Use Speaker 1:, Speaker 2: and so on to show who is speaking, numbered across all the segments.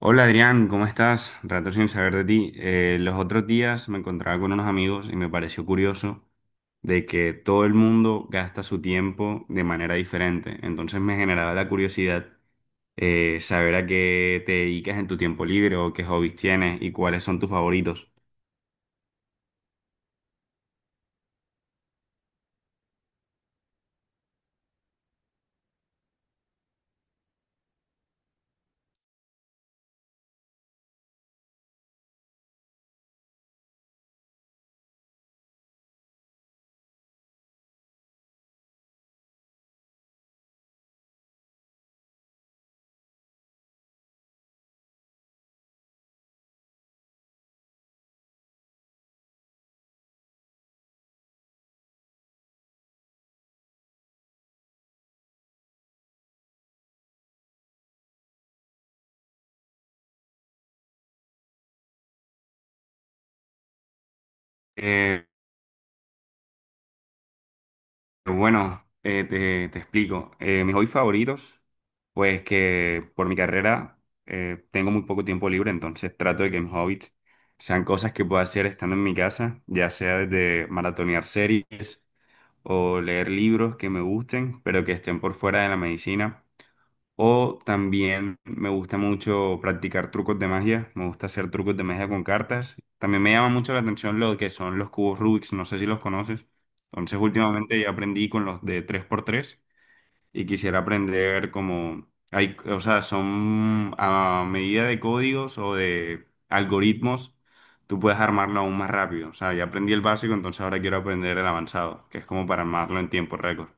Speaker 1: Hola Adrián, ¿cómo estás? Rato sin saber de ti. Los otros días me encontraba con unos amigos y me pareció curioso de que todo el mundo gasta su tiempo de manera diferente. Entonces me generaba la curiosidad saber a qué te dedicas en tu tiempo libre o qué hobbies tienes y cuáles son tus favoritos. Eh, bueno, te explico. Mis hobbies favoritos, pues que por mi carrera tengo muy poco tiempo libre, entonces trato de que mis hobbies sean cosas que pueda hacer estando en mi casa, ya sea desde maratonear series o leer libros que me gusten, pero que estén por fuera de la medicina. O también me gusta mucho practicar trucos de magia, me gusta hacer trucos de magia con cartas. También me llama mucho la atención lo que son los cubos Rubik, no sé si los conoces. Entonces últimamente ya aprendí con los de 3x3 y quisiera aprender como hay, o sea, son a medida de códigos o de algoritmos, tú puedes armarlo aún más rápido. O sea, ya aprendí el básico, entonces ahora quiero aprender el avanzado, que es como para armarlo en tiempo récord.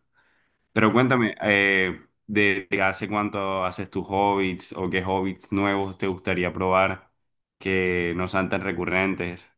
Speaker 1: Pero cuéntame, de hace cuánto haces tus hobbits o qué hobbits nuevos te gustaría probar que no sean tan recurrentes.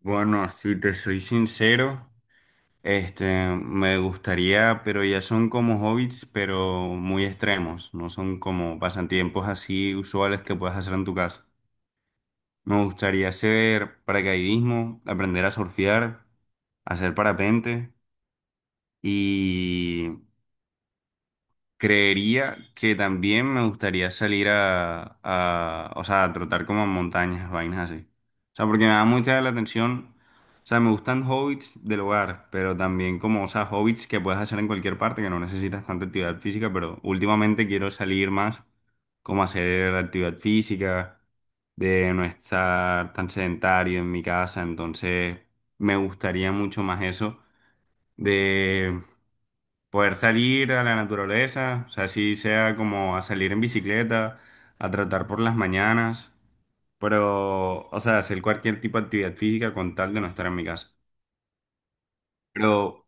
Speaker 1: Bueno, si te soy sincero. Este, me gustaría, pero ya son como hobbits, pero muy extremos, no son como pasatiempos así usuales que puedas hacer en tu casa. Me gustaría hacer paracaidismo, aprender a surfear, hacer parapente y creería que también me gustaría salir a, o sea, a trotar como en montañas, vainas así. O sea, porque me da mucha la atención. O sea, me gustan hobbits del hogar, pero también como, o sea, hobbits que puedes hacer en cualquier parte, que no necesitas tanta actividad física, pero últimamente quiero salir más, como a hacer actividad física, de no estar tan sedentario en mi casa, entonces me gustaría mucho más eso, poder salir a la naturaleza, o sea, así sea como a salir en bicicleta, a tratar por las mañanas, pero, o sea, hacer cualquier tipo de actividad física con tal de no estar en mi casa. Pero,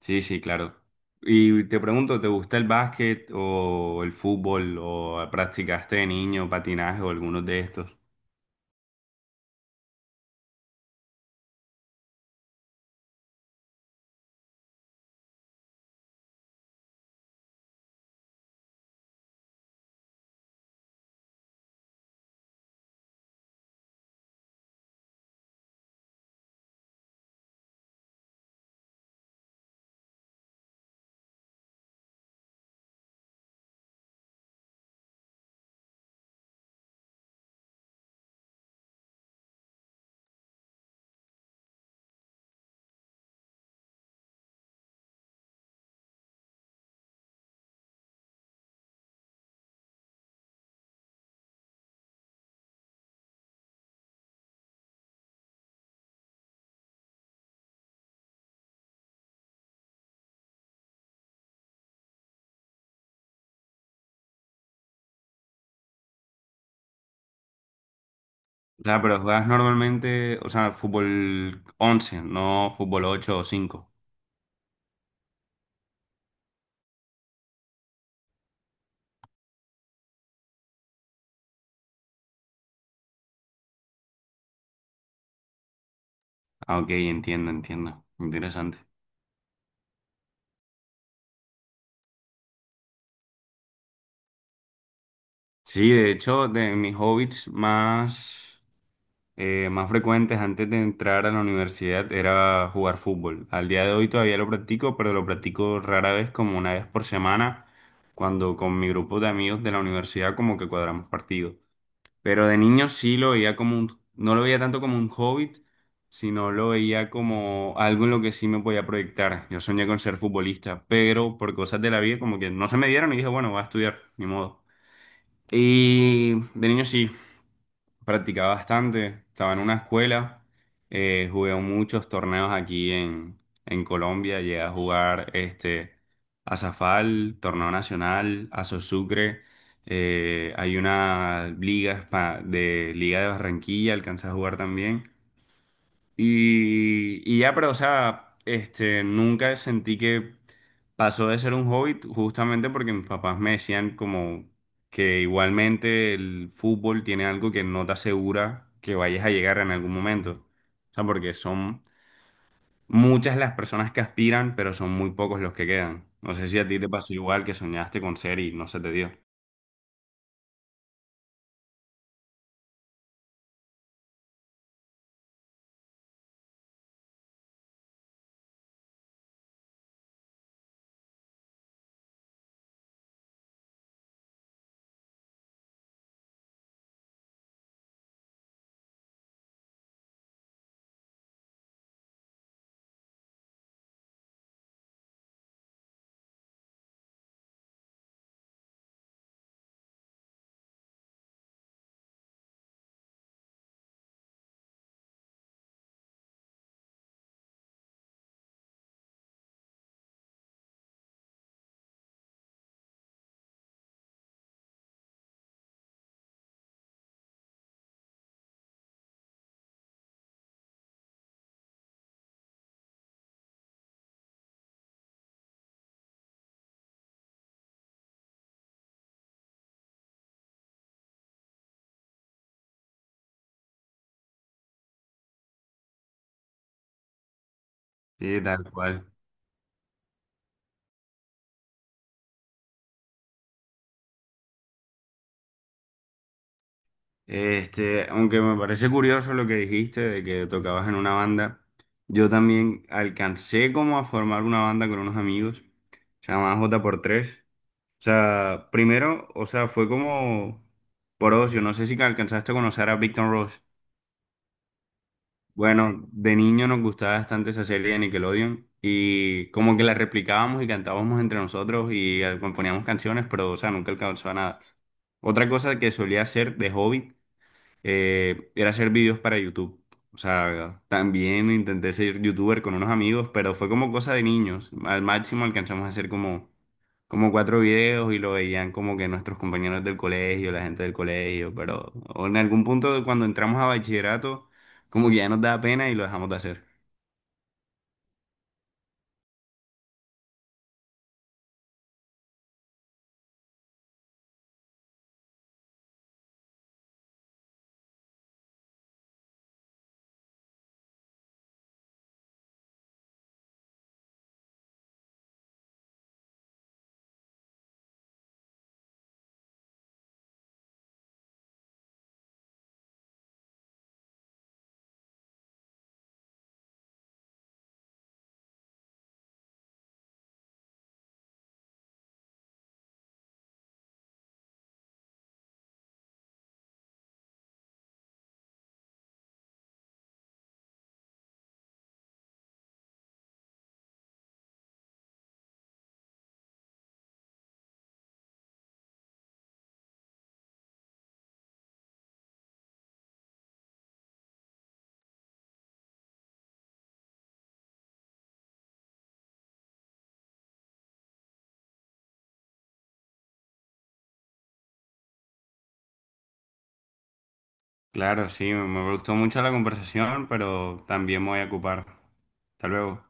Speaker 1: sí, sí, claro. Y te pregunto, ¿te gusta el básquet o el fútbol o practicaste de niño patinaje o algunos de estos? O sea, pero juegas normalmente, o sea, fútbol 11, no fútbol 8 o 5. Ah, ok, entiendo, entiendo. Interesante. Sí, de hecho, de mis hobbies más, más frecuentes antes de entrar a la universidad era jugar fútbol. Al día de hoy todavía lo practico, pero lo practico rara vez, como una vez por semana, cuando con mi grupo de amigos de la universidad como que cuadramos partidos. Pero de niño sí lo veía como un, no lo veía tanto como un hobby, sino lo veía como algo en lo que sí me podía proyectar. Yo soñé con ser futbolista, pero por cosas de la vida como que no se me dieron y dije, bueno, voy a estudiar, ni modo. Y de niño sí, practicaba bastante. Estaba en una escuela, jugué muchos torneos aquí en Colombia. Llegué a jugar este, a Zafal, torneo nacional, a Sosúcre. Hay una liga de Liga de Barranquilla, alcancé a jugar también. Y ya, pero, o sea, este, nunca sentí que pasó de ser un hobby, justamente porque mis papás me decían como que igualmente el fútbol tiene algo que no te asegura que vayas a llegar en algún momento. O sea, porque son muchas las personas que aspiran, pero son muy pocos los que quedan. No sé si a ti te pasó igual, que soñaste con ser y no se te dio. Sí, tal cual. Este, aunque me parece curioso lo que dijiste de que tocabas en una banda, yo también alcancé como a formar una banda con unos amigos, se llamaba J x 3. O sea, primero, o sea, fue como por ocio, no sé si alcanzaste a conocer a Victor Ross. Bueno, de niño nos gustaba bastante esa serie de Nickelodeon y como que la replicábamos y cantábamos entre nosotros y componíamos canciones, pero o sea, nunca alcanzó a nada. Otra cosa que solía hacer de hobby, era hacer vídeos para YouTube. O sea, también intenté ser youtuber con unos amigos, pero fue como cosa de niños. Al máximo alcanzamos a hacer como, como cuatro videos y lo veían como que nuestros compañeros del colegio, la gente del colegio, pero o en algún punto cuando entramos a bachillerato, como que ya nos da pena y lo dejamos de hacer. Claro, sí, me gustó mucho la conversación, pero también me voy a ocupar. Hasta luego.